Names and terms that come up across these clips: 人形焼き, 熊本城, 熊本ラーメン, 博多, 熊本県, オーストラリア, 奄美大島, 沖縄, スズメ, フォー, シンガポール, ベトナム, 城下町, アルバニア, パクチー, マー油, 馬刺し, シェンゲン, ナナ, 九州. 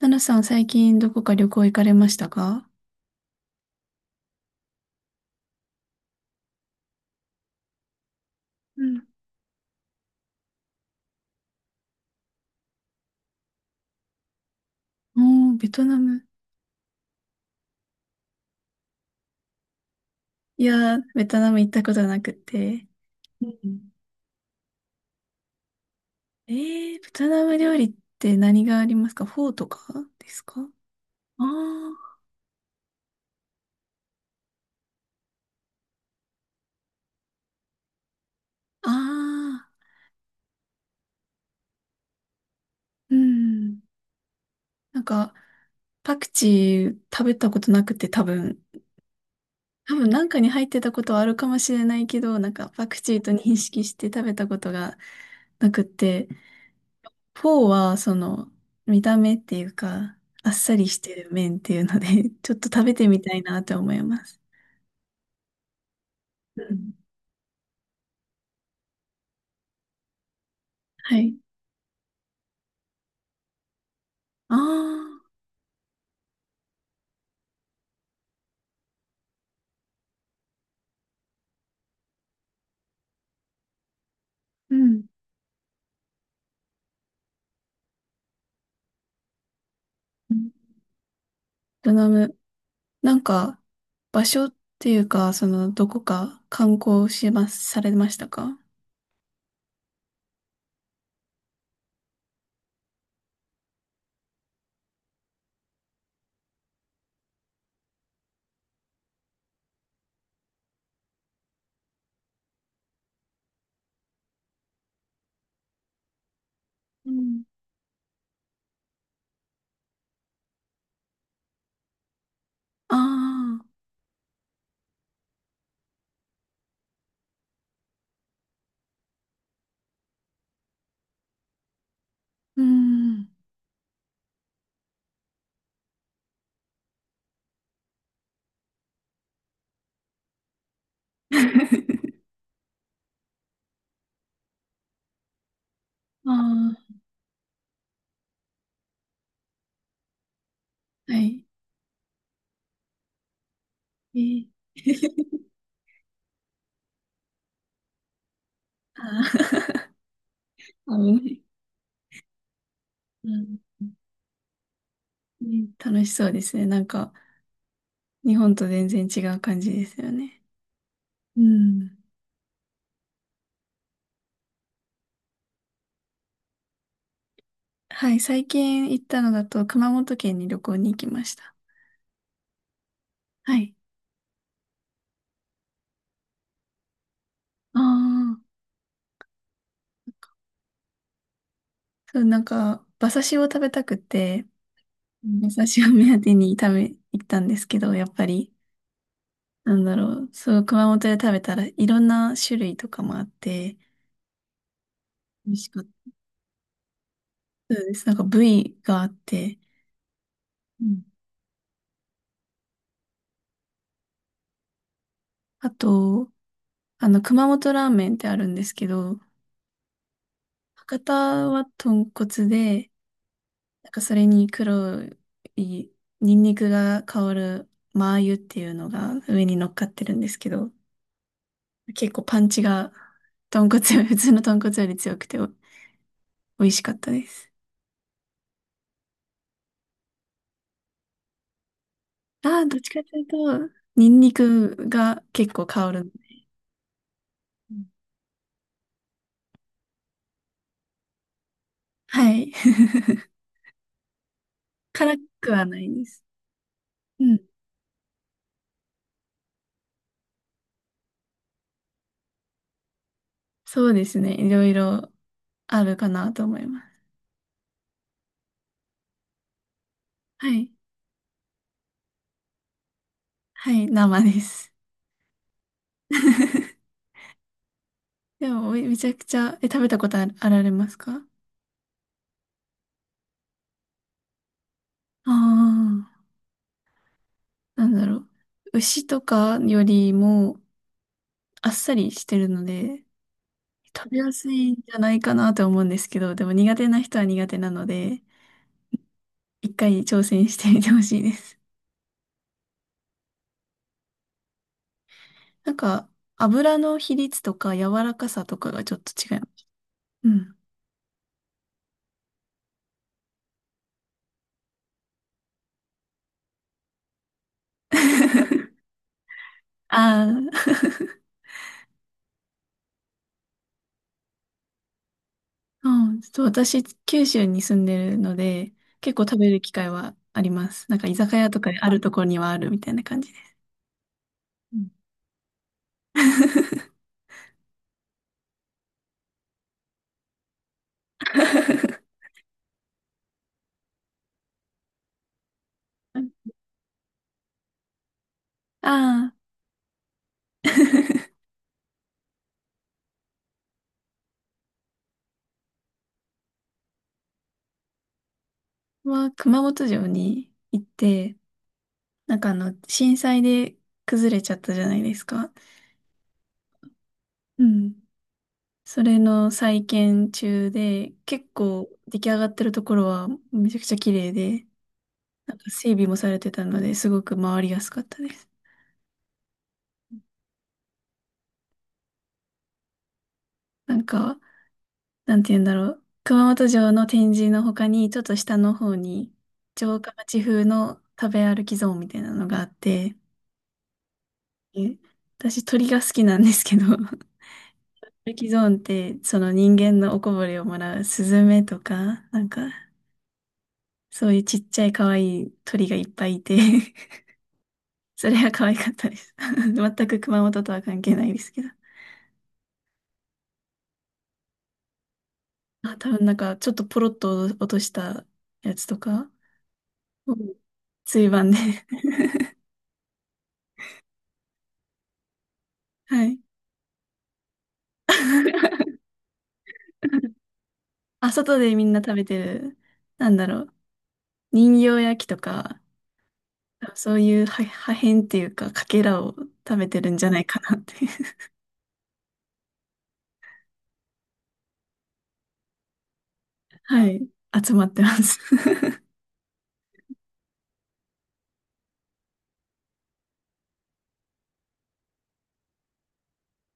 ナナさん、最近どこか旅行行かれましたか？うん。おー、ベトナム。いやー、ベトナム行ったことなくて。うん。ベトナム料理って何がありますか？フォーとかですか？ああー、あーうん。なんか、パクチー食べたことなくて多分、多分なんかに入ってたことはあるかもしれないけど、なんかパクチーと認識して食べたことがなくて、フォーは、その、見た目っていうか、あっさりしてる麺っていうので、ちょっと食べてみたいなって思います。うん。はい。ああ、うん。うん。ベトナム、なんか、場所っていうか、どこか観光します、されましたか？うん。ああ、うん。ああ、はい。えー あー あのね。うんうん。楽しそうですね。なんか、日本と全然違う感じですよね。うん。はい、最近行ったのだと熊本県に旅行に行きました。はい。ああ、そう、なんか、馬刺しを食べたくて、馬シ刺しを目当てに行ったんですけど、やっぱり、なんだろう、そう、熊本で食べたらいろんな種類とかもあって、美味しかった。そうです。なんか部位があって、うん。あと、あの、熊本ラーメンってあるんですけど、博多は豚骨で、なんかそれに黒いニンニクが香るマー油っていうのが上に乗っかってるんですけど、結構パンチが豚骨より、普通の豚骨より強くて美味しかったです。ああ、どっちかというと、ニンニクが結構香る。うん。はい。辛くはないです。うん。そうですね。いろいろあるかなと思います。はい。はい、生です。でも、めちゃくちゃ、食べたことあるあられますか？ああー。なんだろう。牛とかよりもあっさりしてるので、食べやすいんじゃないかなと思うんですけど、でも苦手な人は苦手なので、一回挑戦してみてほしいです。なんか、油の比率とか柔らかさとかがちょっと違う。うん。ああ、うん、ちょっと私、九州に住んでるので、結構食べる機会はあります。なんか居酒屋とかであるところにはあるみたいな感じです。うん。あ あ。熊本城に行って、なんかあの、震災で崩れちゃったじゃないですか。うん。それの再建中で、結構出来上がってるところはめちゃくちゃ綺麗で、なんか整備もされてたので、すごく回りやすかったです。なんか、なんて言うんだろう。熊本城の展示の他に、ちょっと下の方に、城下町風の食べ歩きゾーンみたいなのがあって、え私鳥が好きなんですけど、ルキゾーンって、その人間のおこぼれをもらうスズメとか、なんか、そういうちっちゃい可愛い鳥がいっぱいいて それは可愛かったです。全く熊本とは関係ないですけど。あ、多分なんか、ちょっとポロッと落としたやつとか、うん。椎盤で はい。あ、外でみんな食べてる、なんだろう、人形焼きとか、そういう破片っていうか、かけらを食べてるんじゃないかなって はい。集まってます。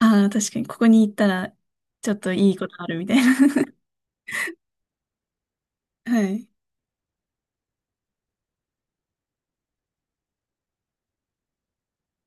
ああ、確かに、ここに行ったら、ちょっといいことあるみたいな。はい。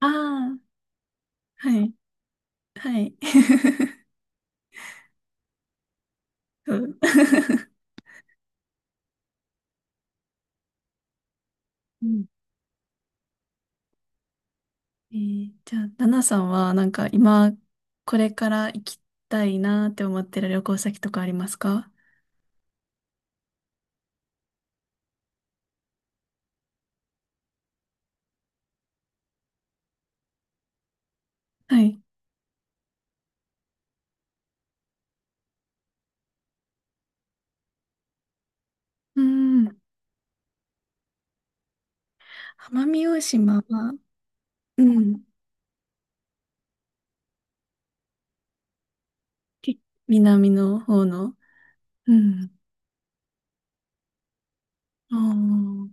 ああ、はい。はい。そう。 うん。じゃあ、ナナさんは、なんか、今、これから行きたいなって思ってる旅行先とかありますか？はい。うん。奄美大島は、うん。け南の方の、うん。ああ、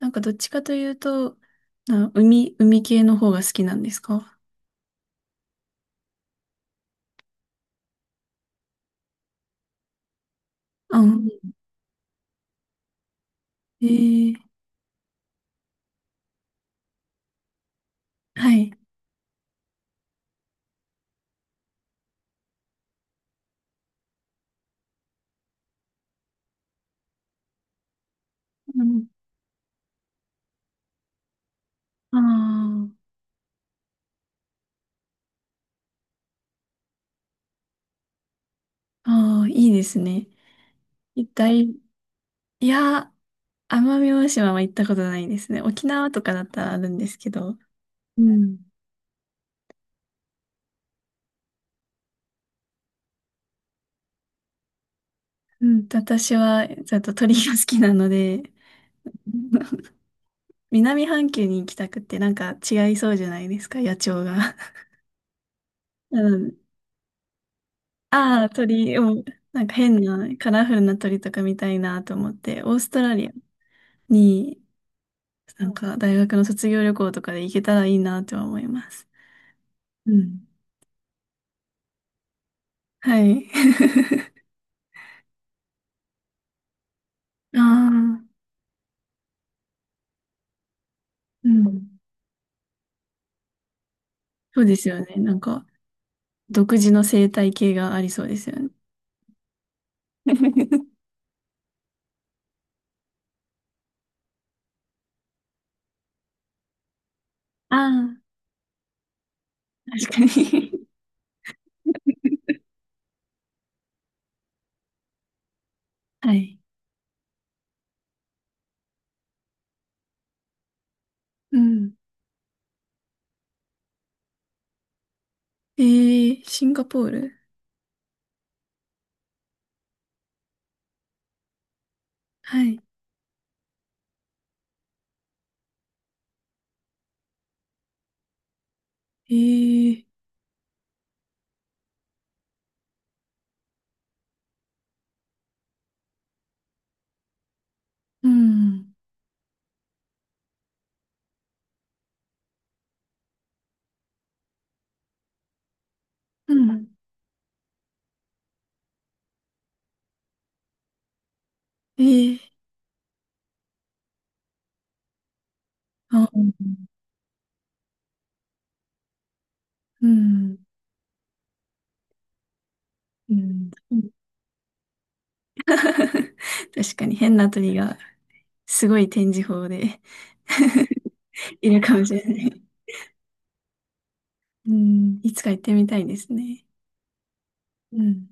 なんか、どっちかというと、海系の方が好きなんですか？うん。えーはい。うん。ああ、ああ、いいですね。一体、いや、奄美大島は行ったことないですね。沖縄とかだったらあるんですけど。うん。うん、私は、ちょっと鳥が好きなので、南半球に行きたくって、なんか違いそうじゃないですか、野鳥が。うん。ああ、鳥を、なんか変な、カラフルな鳥とか見たいなと思って、オーストラリアに、なんか大学の卒業旅行とかで行けたらいいなとは思います。うん。はい。ああ、うん。そうですよね。なんか、独自の生態系がありそうですよね。ああ、確かに。はい。うん。えー、シンガポール。はい。えー、うん。うん。えー、あ、うん。うん。うん。 確かに変な鳥がすごい展示法で いるかもしれない。うん。いつか行ってみたいですね。うん。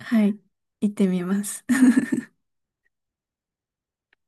はい、行ってみます。